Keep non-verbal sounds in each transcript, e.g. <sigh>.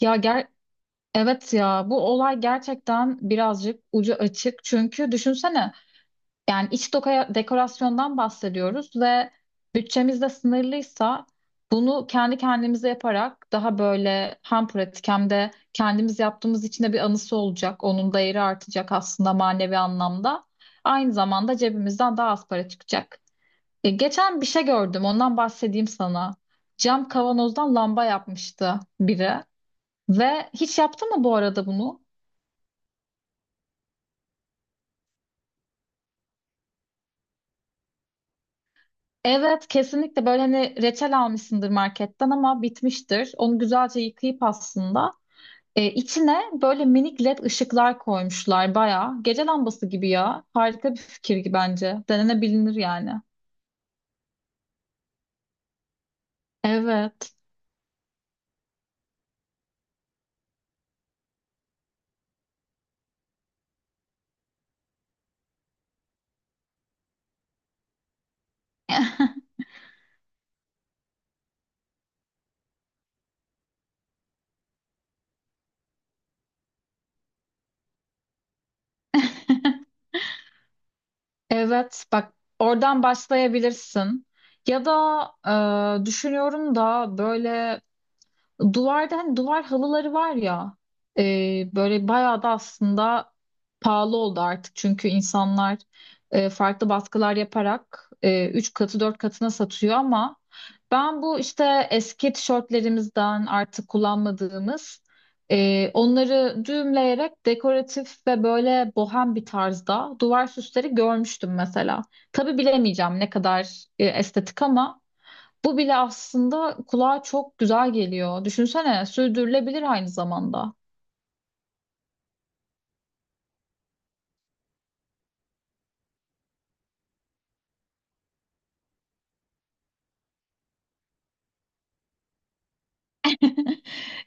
Ya evet ya bu olay gerçekten birazcık ucu açık. Çünkü düşünsene yani iç dekorasyondan bahsediyoruz ve bütçemiz de sınırlıysa bunu kendi kendimize yaparak daha böyle hem pratik hem de kendimiz yaptığımız için de bir anısı olacak. Onun değeri artacak aslında manevi anlamda. Aynı zamanda cebimizden daha az para çıkacak. Geçen bir şey gördüm ondan bahsedeyim sana. Cam kavanozdan lamba yapmıştı biri. Ve hiç yaptın mı bu arada bunu? Evet, kesinlikle böyle hani reçel almışsındır marketten ama bitmiştir. Onu güzelce yıkayıp aslında içine böyle minik led ışıklar koymuşlar bayağı gece lambası gibi ya. Harika bir fikir gibi bence. Denenebilir yani. Evet. <laughs> Evet, bak oradan başlayabilirsin. Ya da düşünüyorum da böyle duvarda hani duvar halıları var ya e, böyle bayağı da aslında pahalı oldu artık. Çünkü insanlar farklı baskılar yaparak 3 katı 4 katına satıyor ama ben bu işte eski tişörtlerimizden artık kullanmadığımız onları düğümleyerek dekoratif ve böyle bohem bir tarzda duvar süsleri görmüştüm mesela. Tabii bilemeyeceğim ne kadar estetik ama bu bile aslında kulağa çok güzel geliyor. Düşünsene, sürdürülebilir aynı zamanda.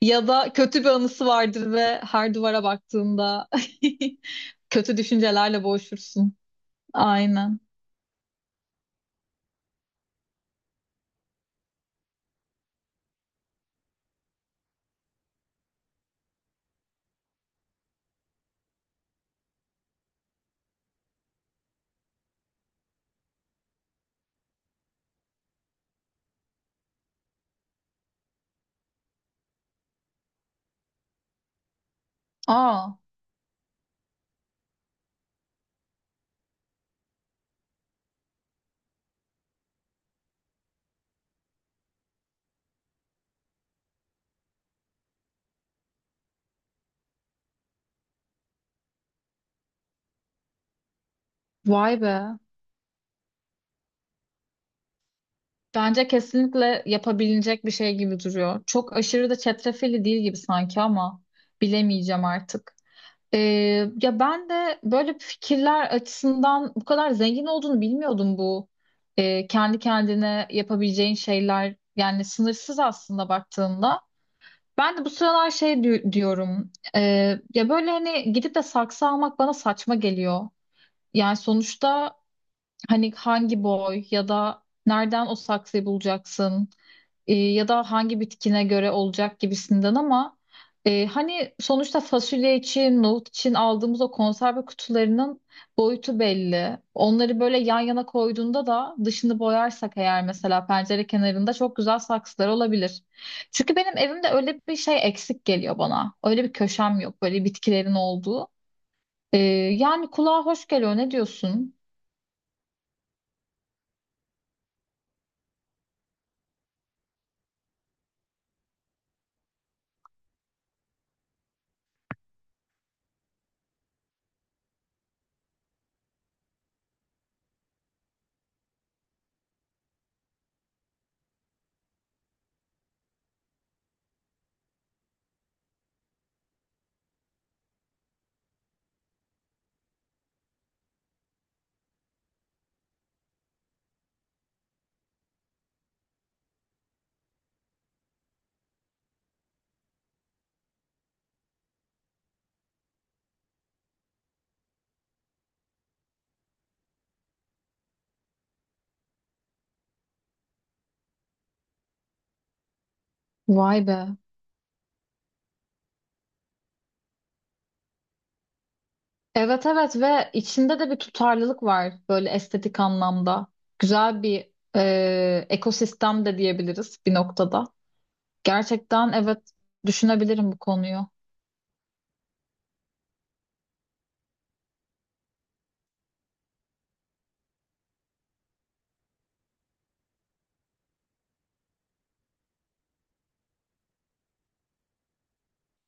Ya da kötü bir anısı vardır ve her duvara baktığında <laughs> kötü düşüncelerle boğuşursun. Aynen. Aa, vay be. Bence kesinlikle yapabilecek bir şey gibi duruyor. Çok aşırı da çetrefilli değil gibi sanki ama bilemeyeceğim artık. Ee, ya ben de böyle fikirler açısından bu kadar zengin olduğunu bilmiyordum bu. Kendi kendine yapabileceğin şeyler yani sınırsız aslında baktığında. Ben de bu sıralar şey diyorum. Ya böyle hani gidip de saksı almak bana saçma geliyor. Yani sonuçta hani hangi boy ya da nereden o saksıyı bulacaksın ya da hangi bitkine göre olacak gibisinden ama hani sonuçta fasulye için, nohut için aldığımız o konserve kutularının boyutu belli. Onları böyle yan yana koyduğunda da dışını boyarsak eğer mesela pencere kenarında çok güzel saksılar olabilir. Çünkü benim evimde öyle bir şey eksik geliyor bana. Öyle bir köşem yok böyle bitkilerin olduğu. E, Yani kulağa hoş geliyor ne diyorsun? Vay be. Evet, evet, ve içinde de bir tutarlılık var böyle estetik anlamda. Güzel bir ekosistem de diyebiliriz bir noktada. Gerçekten, evet, düşünebilirim bu konuyu.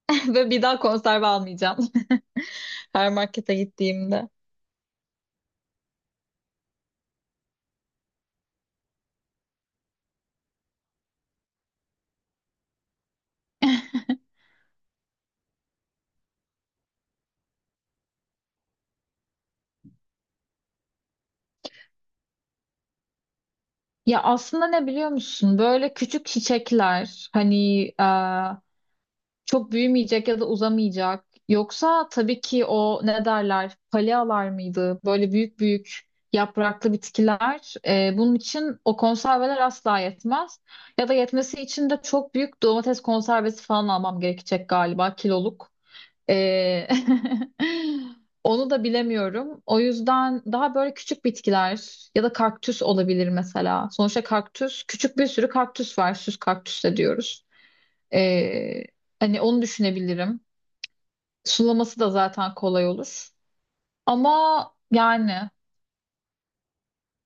<laughs> Ve bir daha konserve almayacağım <laughs> her markete gittiğimde. Ya aslında ne biliyor musun? Böyle küçük çiçekler hani çok büyümeyecek ya da uzamayacak. Yoksa tabii ki o ne derler? Palyalar mıydı? Böyle büyük büyük yapraklı bitkiler. Bunun için o konserveler asla yetmez. Ya da yetmesi için de çok büyük domates konservesi falan almam gerekecek galiba kiloluk. Ee, <laughs> Onu da bilemiyorum. O yüzden daha böyle küçük bitkiler ya da kaktüs olabilir mesela. Sonuçta kaktüs, küçük bir sürü kaktüs var. Süs kaktüs de diyoruz. Ee, hani onu düşünebilirim. Sulaması da zaten kolay olur. Ama yani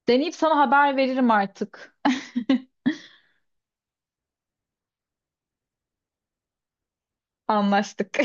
deneyip sana haber veririm artık. <laughs> Anlaştık.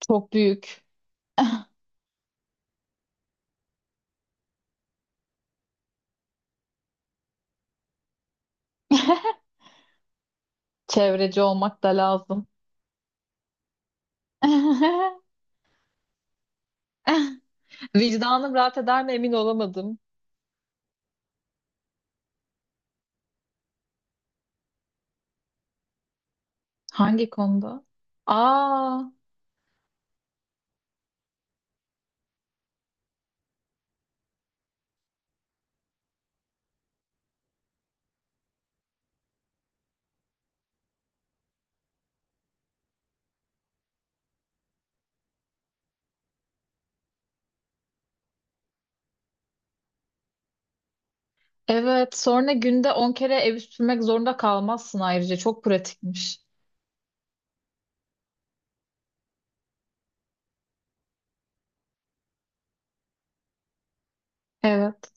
<laughs> Çok büyük. <laughs> Çevreci olmak da lazım. <laughs> Vicdanım rahat eder mi emin olamadım. Hangi konuda? Aa, evet. Sonra günde 10 kere evi süpürmek zorunda kalmazsın ayrıca. Çok pratikmiş. Evet.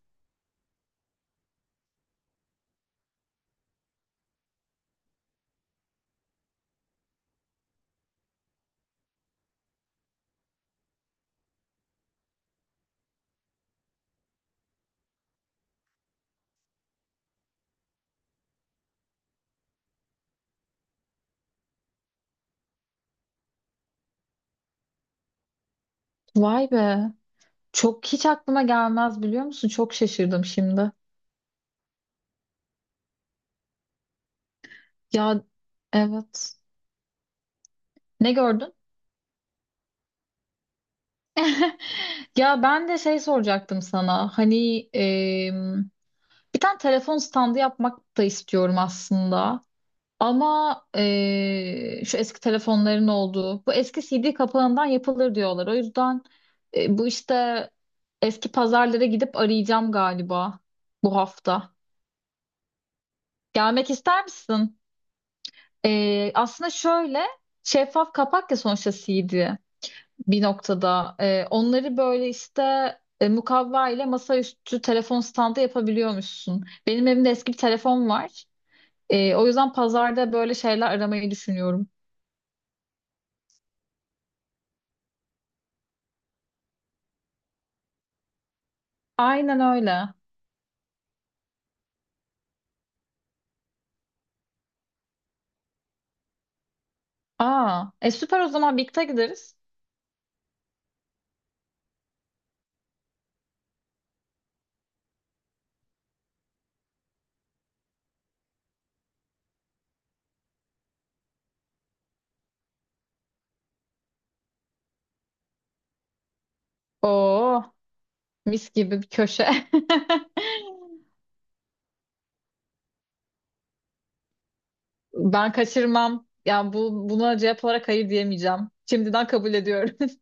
Vay be. Çok hiç aklıma gelmez biliyor musun? Çok şaşırdım şimdi. Ya, evet. Ne gördün? Ya ben de şey soracaktım sana. Hani bir tane telefon standı yapmak da istiyorum aslında. Ama şu eski telefonların olduğu, bu eski CD kapağından yapılır diyorlar. O yüzden bu işte eski pazarlara gidip arayacağım galiba bu hafta. Gelmek ister misin? Aslında şöyle şeffaf kapak ya sonuçta CD bir noktada. Onları böyle işte mukavva ile masaüstü telefon standı yapabiliyormuşsun. Benim evimde eski bir telefon var. O yüzden pazarda böyle şeyler aramayı düşünüyorum. Aynen öyle. Aa, süper, o zaman birlikte gideriz. Oo, mis gibi bir köşe. <laughs> Ben kaçırmam. Yani bu buna cevap olarak hayır diyemeyeceğim. Şimdiden kabul ediyorum.